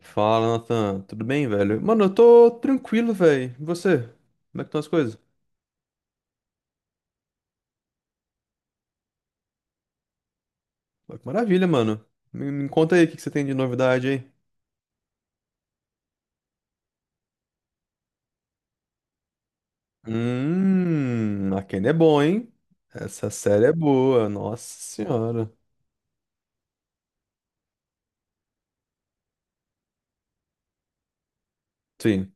Fala, Nathan. Tudo bem, velho? Mano, eu tô tranquilo, velho. E você? Como é que estão as coisas? Pô, que maravilha, mano. Me conta aí o que que você tem de novidade aí. Arcane é bom, hein? Essa série é boa, nossa senhora. Sim,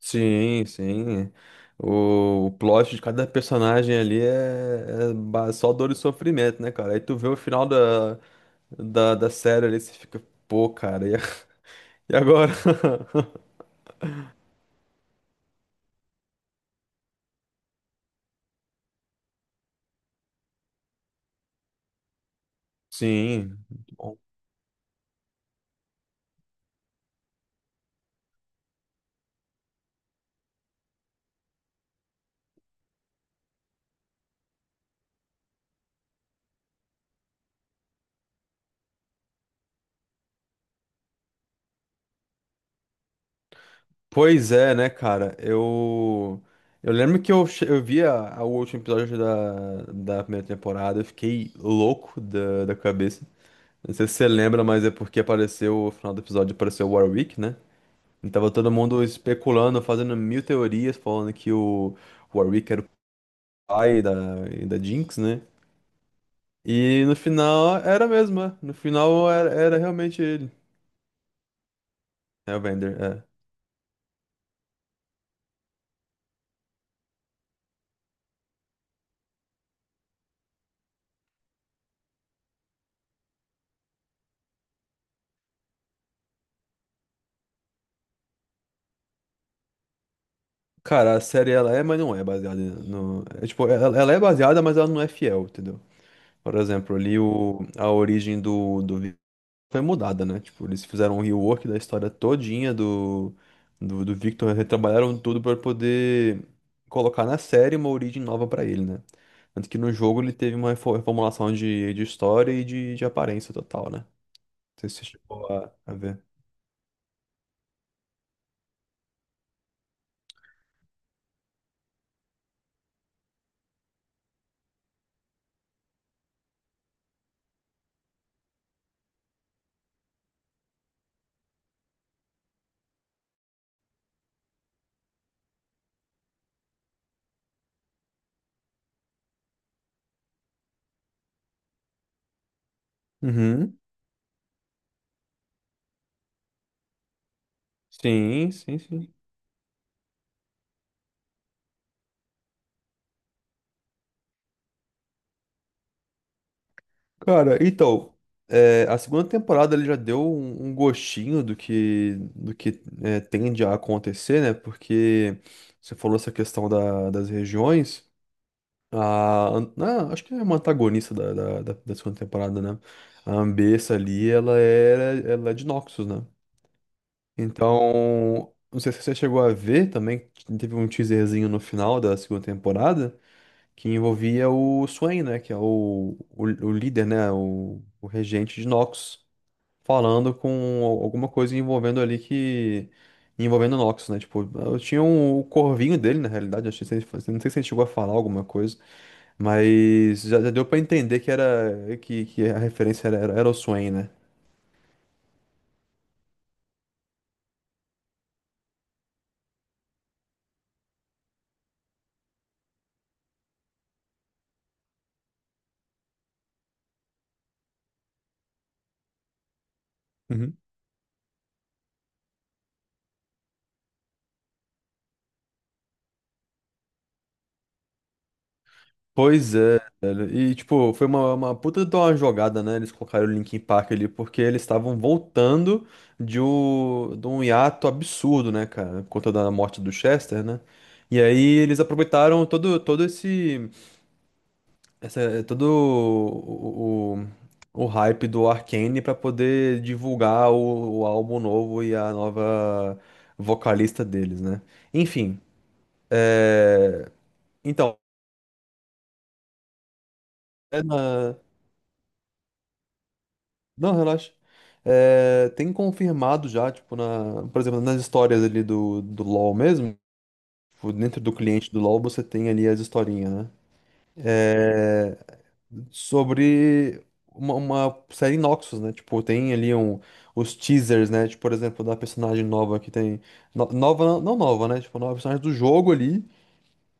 sim, sim. O plot de cada personagem ali é só dor e sofrimento, né, cara? Aí tu vê o final da série ali, você fica, pô, cara, e agora? Sim. Pois é, né, cara? Eu. Eu lembro que eu vi o último episódio da primeira temporada, eu fiquei louco da cabeça. Não sei se você lembra, mas é porque apareceu, no final do episódio apareceu o Warwick, né? E tava todo mundo especulando, fazendo mil teorias, falando que o Warwick era o pai da Jinx, né? E no final era mesmo, é. No final era, era realmente ele. É o Vander. Cara, a série ela é, mas não é baseada no. É, tipo, ela é baseada, mas ela não é fiel, entendeu? Por exemplo, ali o, a origem do Victor foi mudada, né? Tipo, eles fizeram um rework da história todinha do Victor, retrabalharam tudo pra poder colocar na série uma origem nova pra ele, né? Tanto que no jogo ele teve uma reformulação de história e de aparência total, né? Não sei se você chegou a ver. Uhum. Sim, sim, sim. Cara, então, é, a segunda temporada ele já deu um, um gostinho do que é, tende a acontecer, né? Porque você falou essa questão da- das regiões. Acho que é uma antagonista da da segunda temporada, né? A Ambessa ali, ela é de Noxus, né? Então, não sei se você chegou a ver também, teve um teaserzinho no final da segunda temporada que envolvia o Swain, né, que é o líder, né, o regente de Nox, falando com alguma coisa envolvendo ali que... envolvendo Nox, né, tipo, ah, eu tinha um, o corvinho dele, na realidade, acho que se não sei se ele chegou a falar alguma coisa, mas já deu pra entender que era, que a referência era o Swain, né. Pois é, velho. E, tipo, foi uma puta de uma jogada, né? Eles colocaram o Linkin Park ali porque eles estavam voltando de um hiato absurdo, né, cara? Por conta da morte do Chester, né? E aí eles aproveitaram todo esse, essa, todo o hype do Arcane pra poder divulgar o álbum novo e a nova vocalista deles, né? Enfim, é... então... Não, relaxa. É, tem confirmado já, tipo, na, por exemplo, nas histórias ali do LoL mesmo, tipo, dentro do cliente do LoL você tem ali as historinhas, né? Sobre uma série Noxus, né? Tipo, tem ali um, os teasers, né? Tipo, por exemplo, da personagem nova que tem. Nova, não nova, né? Tipo, nova personagem do jogo ali,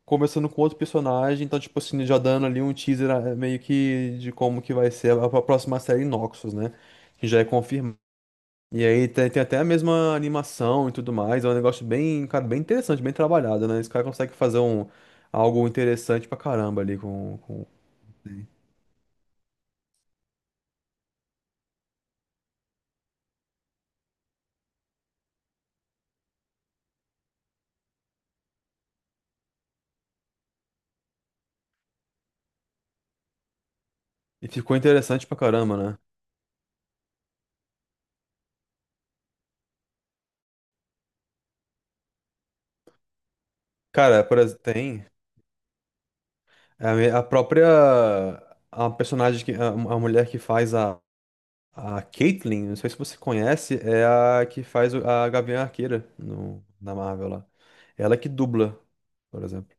começando com outro personagem, então, tipo assim, já dando ali um teaser meio que de como que vai ser a próxima série Noxus, né? Que já é confirmado. E aí tem até a mesma animação e tudo mais. É um negócio bem, cara, bem interessante, bem trabalhado, né? Esse cara consegue fazer um, algo interessante pra caramba ali com- E ficou interessante pra caramba, né? Cara, por exemplo, tem a, a própria... A personagem, que, a mulher que faz a Caitlyn, não sei se você conhece, é a que faz a Gavião Arqueira no, na Marvel lá. Ela que dubla, por exemplo.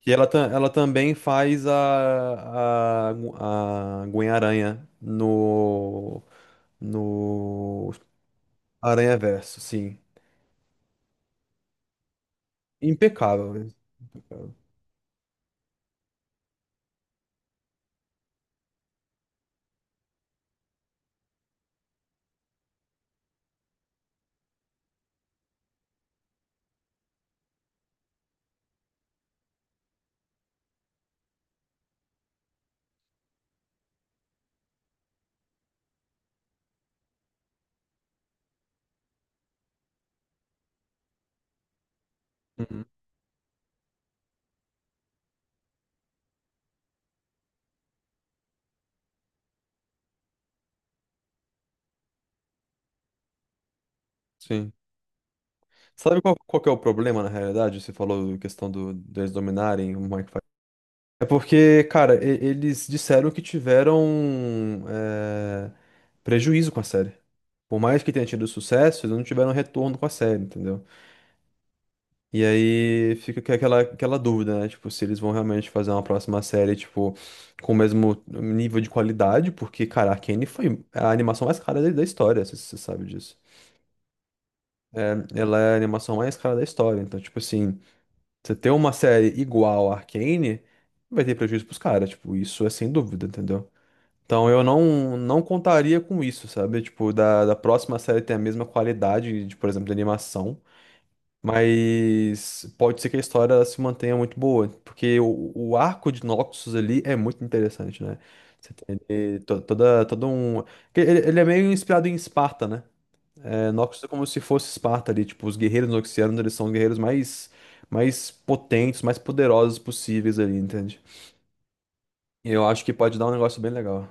Que ela também faz a Gwen-Aranha no, no Aranha-Verso, sim. Impecável, né? Uhum, sim. Sabe qual que é o problema, na realidade? Você falou em questão do, deles dominarem o Mike. É porque, cara, eles disseram que tiveram é, prejuízo com a série. Por mais que tenha tido sucesso, eles não tiveram retorno com a série, entendeu? E aí fica aquela, aquela dúvida, né? Tipo, se eles vão realmente fazer uma próxima série, tipo, com o mesmo nível de qualidade, porque, cara, Arcane foi a animação mais cara da história, se você sabe disso. Ela é a animação mais cara da história, então, tipo assim, você ter uma série igual a Arcane, vai ter prejuízo pros caras, tipo, isso é sem dúvida, entendeu? Então eu não contaria com isso, sabe? Tipo, da próxima série ter a mesma qualidade, de, por exemplo, de animação. Mas pode ser que a história se mantenha muito boa, porque o arco de Noxus ali é muito interessante, né? Você tem ali toda, todo um. Que ele é meio inspirado em Esparta, né? É, Noxus é como se fosse Esparta ali. Tipo, os guerreiros noxianos, eles são os guerreiros mais, mais potentes, mais poderosos possíveis ali, entende? E eu acho que pode dar um negócio bem legal.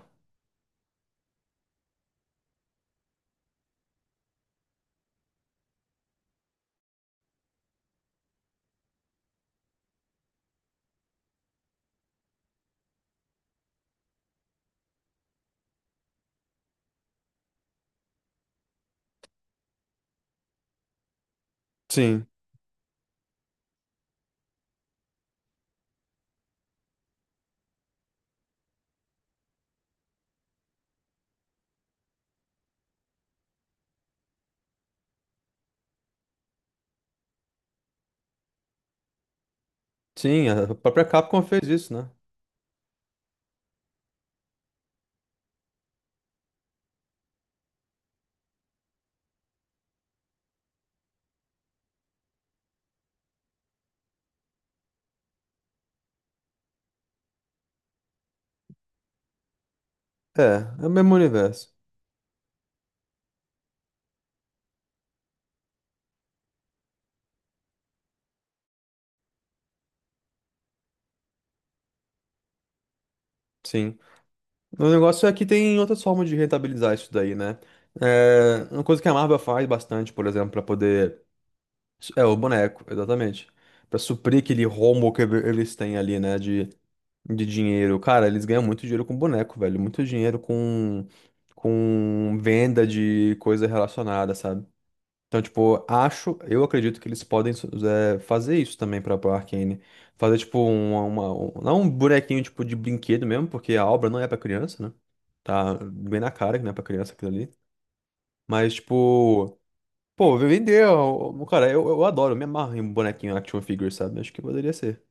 Sim, sim, a própria Capcom fez isso, né? É, é o mesmo universo. Sim. O negócio é que tem outras formas de rentabilizar isso daí, né? É, uma coisa que a Marvel faz bastante, por exemplo, para poder. É o boneco, exatamente. Para suprir aquele rombo que eles têm ali, né? De dinheiro. Cara, eles ganham muito dinheiro com boneco, velho. Muito dinheiro com venda de coisa relacionada, sabe? Então, tipo, acho, eu acredito que eles podem é, fazer isso também pra Arcane. Fazer, tipo, uma, não um bonequinho, tipo, de brinquedo mesmo, porque a obra não é pra criança, né? Tá bem na cara que não é pra criança aquilo ali. Mas, tipo, pô, vender, ó, ó, cara, eu adoro, eu me amarro em um bonequinho action figure, sabe? Acho que poderia ser.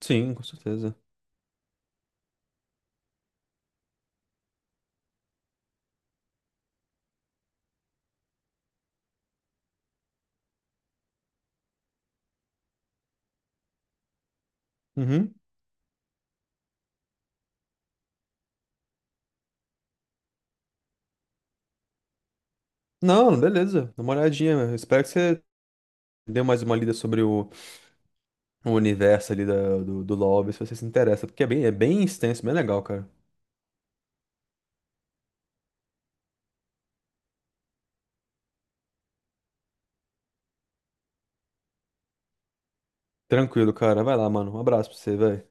Sim, com certeza. Uhum. Não, beleza, dá uma olhadinha. Eu espero que você dê mais uma lida sobre o universo ali da, do LoL, ver se você se interessa, porque é bem extenso, bem legal, cara. Tranquilo, cara. Vai lá, mano. Um abraço pra você, velho.